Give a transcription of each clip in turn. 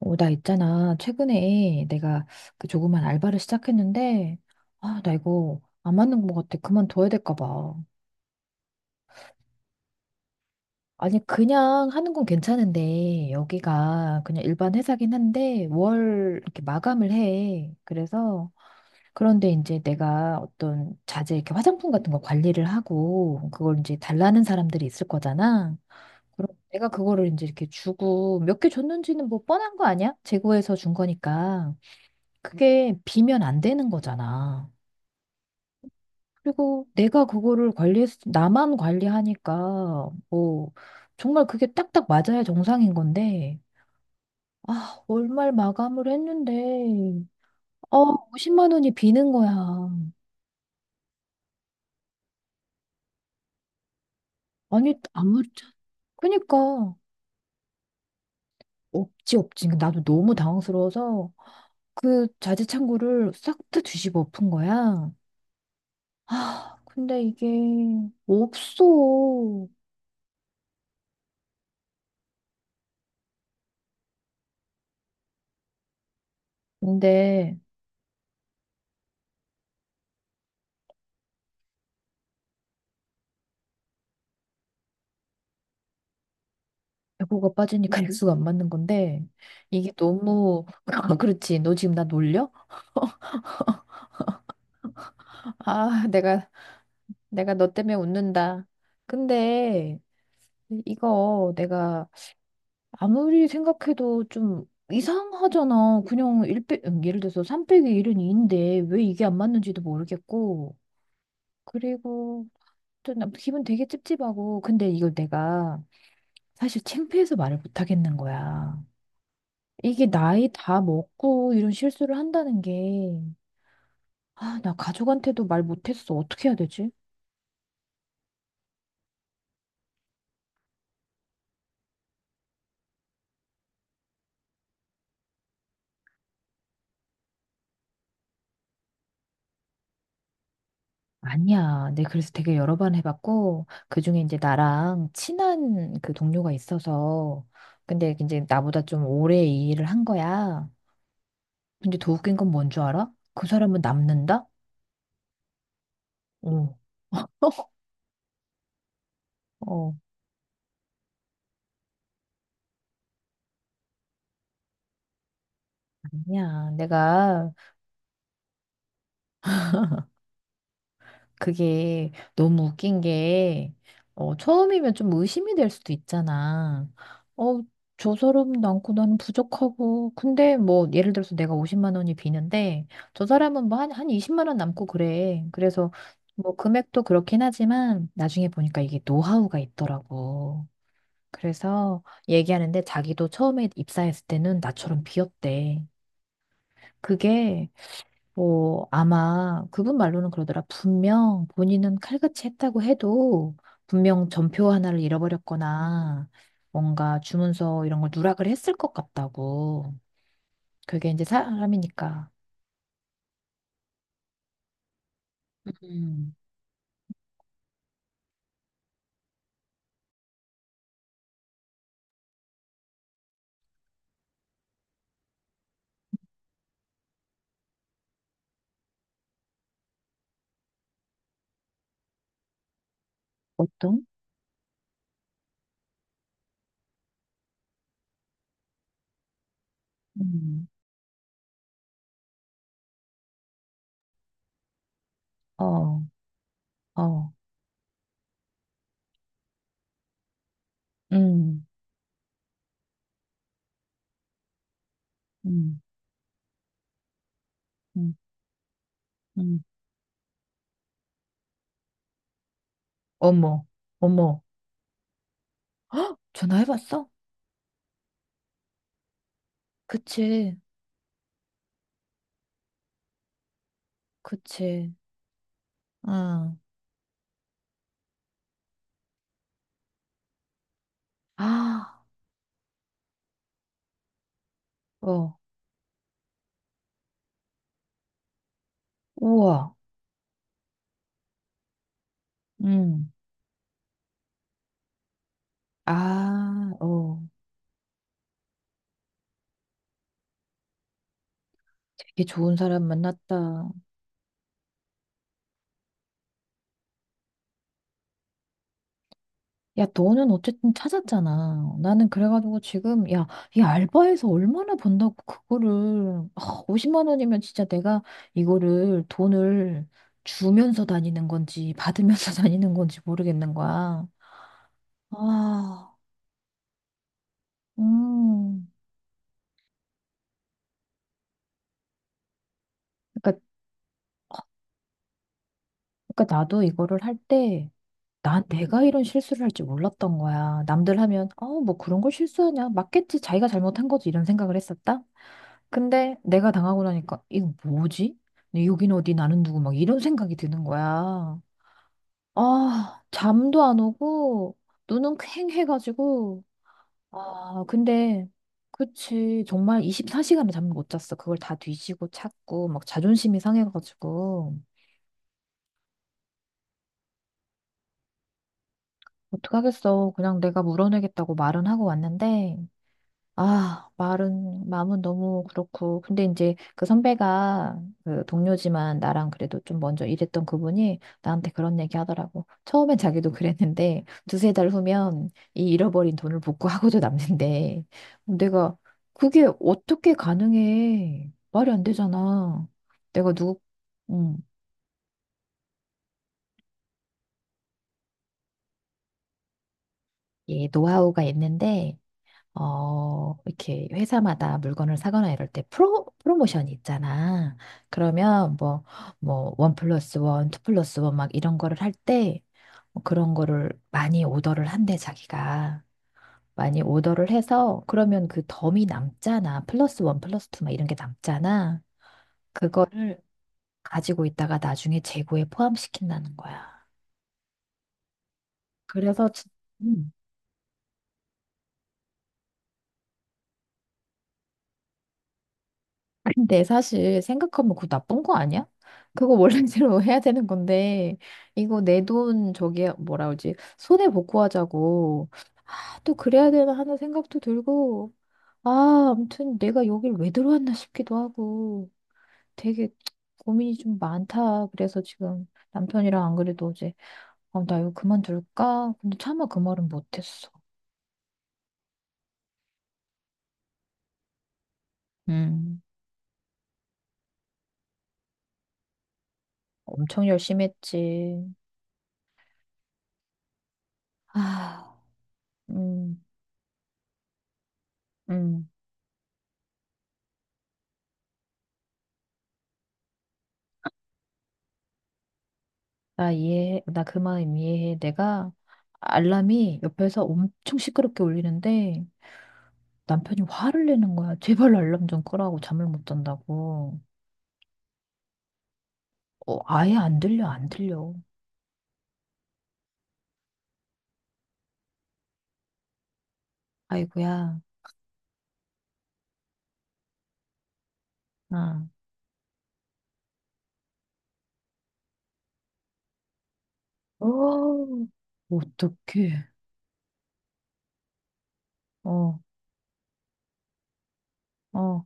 나 있잖아. 최근에 내가 그 조그만 알바를 시작했는데, 아, 나 이거 안 맞는 것 같아. 그만둬야 될까 봐. 아니, 그냥 하는 건 괜찮은데, 여기가 그냥 일반 회사긴 한데, 월 이렇게 마감을 해. 그래서, 그런데 이제 내가 어떤 자재, 이렇게 화장품 같은 거 관리를 하고, 그걸 이제 달라는 사람들이 있을 거잖아. 그럼 내가 그거를 이제 이렇게 주고, 몇 개 줬는지는 뭐 뻔한 거 아니야? 재고에서 준 거니까. 그게 비면 안 되는 거잖아. 그리고 내가 그거를 관리했, 나만 관리하니까, 뭐, 정말 그게 딱딱 맞아야 정상인 건데, 아, 월말 마감을 했는데, 어, 50만 원이 비는 거야. 아니, 아무리, 그니까, 없지, 없지. 그러니까 나도 너무 당황스러워서 그 자재창고를 싹 다 뒤집어 엎은 거야. 아, 근데 이게 없어. 근데 배고가 빠지니까 액수가 안 맞는 건데 이게 너무 그렇지? 너 지금 나 놀려? 아, 내가 너 때문에 웃는다. 근데 이거 내가 아무리 생각해도 좀 이상하잖아. 그냥 일 빼, 예를 들어서 3 빼기 1은 2인데 왜 이게 안 맞는지도 모르겠고, 그리고 또 기분 되게 찝찝하고, 근데 이걸 내가 사실 창피해서 말을 못 하겠는 거야. 이게 나이 다 먹고 이런 실수를 한다는 게. 아, 나 가족한테도 말 못했어. 어떻게 해야 되지? 아니야. 내 그래서 되게 여러 번 해봤고, 그중에 이제 나랑 친한 그 동료가 있어서, 근데 이제 나보다 좀 오래 이 일을 한 거야. 근데 더 웃긴 건 뭔 줄 알아? 그 사람은 남는다? 응. 어, 아니야. 내가 그게 너무 웃긴 게, 어, 처음이면 좀 의심이 될 수도 있잖아. 어, 저 사람 많고 나는 부족하고. 근데 뭐, 예를 들어서 내가 50만 원이 비는데, 저 사람은 뭐 한, 한 20만 원 남고 그래. 그래서 뭐, 금액도 그렇긴 하지만, 나중에 보니까 이게 노하우가 있더라고. 그래서 얘기하는데 자기도 처음에 입사했을 때는 나처럼 비었대. 그게 뭐, 아마 그분 말로는 그러더라. 분명 본인은 칼같이 했다고 해도 분명 전표 하나를 잃어버렸거나 뭔가 주문서 이런 걸 누락을 했을 것 같다고. 그게 이제 사람이니까. 음, 보통? 음, 어, 어, 음, 음, 음, 음. 어머, 어머. 헉, 전화해봤어? 그치, 그치, 응. 아, 어, 우와, 음, 아, 어. 되게 좋은 사람 만났다. 야, 너는 어쨌든 찾았잖아. 나는 그래가지고 지금, 야, 이 알바에서 얼마나 번다고 그거를, 아, 50만 원이면 진짜 내가 이거를 돈을 주면서 다니는 건지 받으면서 다니는 건지 모르겠는 거야. 아, 음. 그러니까 그러니까 나도 이거를 할 때, 난 내가 이런 실수를 할 줄 몰랐던 거야. 남들 하면, 어, 뭐 그런 걸 실수하냐? 맞겠지. 자기가 잘못한 거지. 이런 생각을 했었다. 근데 내가 당하고 나니까, 이거 뭐지? 여긴 어디, 나는 누구, 막 이런 생각이 드는 거야. 아, 잠도 안 오고, 눈은 퀭해가지고, 아, 근데, 그치. 정말 24시간을 잠을 못 잤어. 그걸 다 뒤지고 찾고, 막 자존심이 상해가지고. 어떡하겠어. 그냥 내가 물어내겠다고 말은 하고 왔는데, 아, 말은, 마음은 너무 그렇고. 근데 이제 그 선배가, 그 동료지만 나랑 그래도 좀 먼저 일했던 그분이 나한테 그런 얘기 하더라고. 처음엔 자기도 그랬는데, 두세 달 후면 이 잃어버린 돈을 복구하고도 남는데, 내가 그게 어떻게 가능해? 말이 안 되잖아. 내가 누구, 음, 예, 노하우가 있는데, 어, 이렇게 회사마다 물건을 사거나 이럴 때 프로모션이 있잖아. 그러면 뭐, 뭐, 원 플러스 원, 투 플러스 원 막 이런 거를 할 때, 뭐 그런 거를 많이 오더를 한대, 자기가. 많이 오더를 해서, 그러면 그 덤이 남잖아. 플러스 원, 플러스 투 막 이런 게 남잖아. 그거를 가지고 있다가 나중에 재고에 포함시킨다는 거야. 그래서, 음. 근데 사실 생각하면 그거 나쁜 거 아니야? 그거 원래대로 해야 되는 건데, 이거 내 돈 저기 뭐라 그러지? 손해 보고 하자고, 아, 또 그래야 되나 하는 생각도 들고, 아, 아무튼 내가 여길 왜 들어왔나 싶기도 하고. 되게 고민이 좀 많다. 그래서 지금 남편이랑 안 그래도 어제 어, 나 이거 그만둘까? 근데 차마 그 말은 못했어. 음. 엄청 열심히 했지. 아. 음, 음. 나 이해해. 나 그 마음 이해해. 내가 알람이 옆에서 엄청 시끄럽게 울리는데 남편이 화를 내는 거야. 제발 알람 좀 끄라고, 잠을 못 잔다고. 어, 아예 안 들려, 안 들려. 아이고야. 아. 어, 어떡해. 어, 어,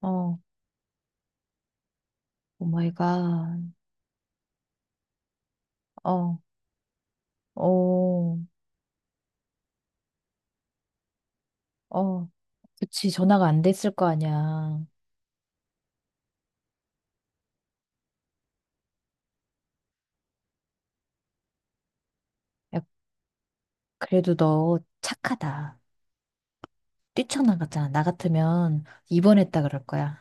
어. 오 마이 갓. 어, 어, 어. 그치, 전화가 안 됐을 거 아니야. 야, 그래도 너 착하다. 뛰쳐나갔잖아. 나 같으면 입원했다 그럴 거야.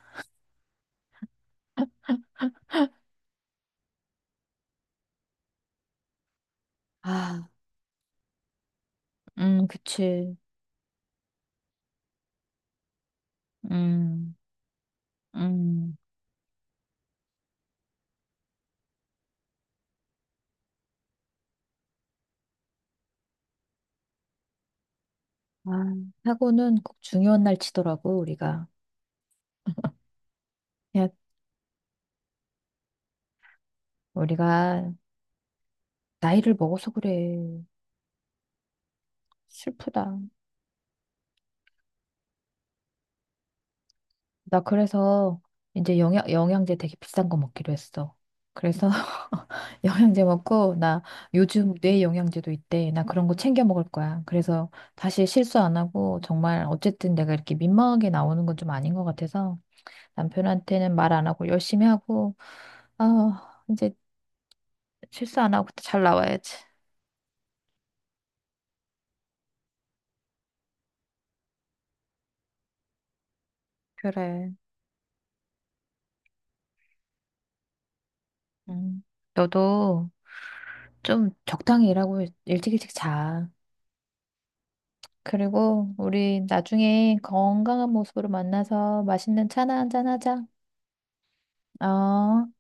아, 그치. 음, 음. 아, 사고는 꼭 중요한 날 치더라고, 우리가. 야, 우리가 나이를 먹어서 그래. 슬프다. 나 그래서 이제 영양제 되게 비싼 거 먹기로 했어. 그래서 영양제 먹고, 나 요즘 뇌 영양제도 있대. 나 그런 거 챙겨 먹을 거야. 그래서 다시 실수 안 하고, 정말 어쨌든 내가 이렇게 민망하게 나오는 건 좀 아닌 것 같아서 남편한테는 말 안 하고 열심히 하고, 아, 이제 실수 안 하고 잘 나와야지. 그래. 음. 너도 좀 적당히 일하고 일찍 일찍 자. 그리고 우리 나중에 건강한 모습으로 만나서 맛있는 차나 한잔 하자. 어.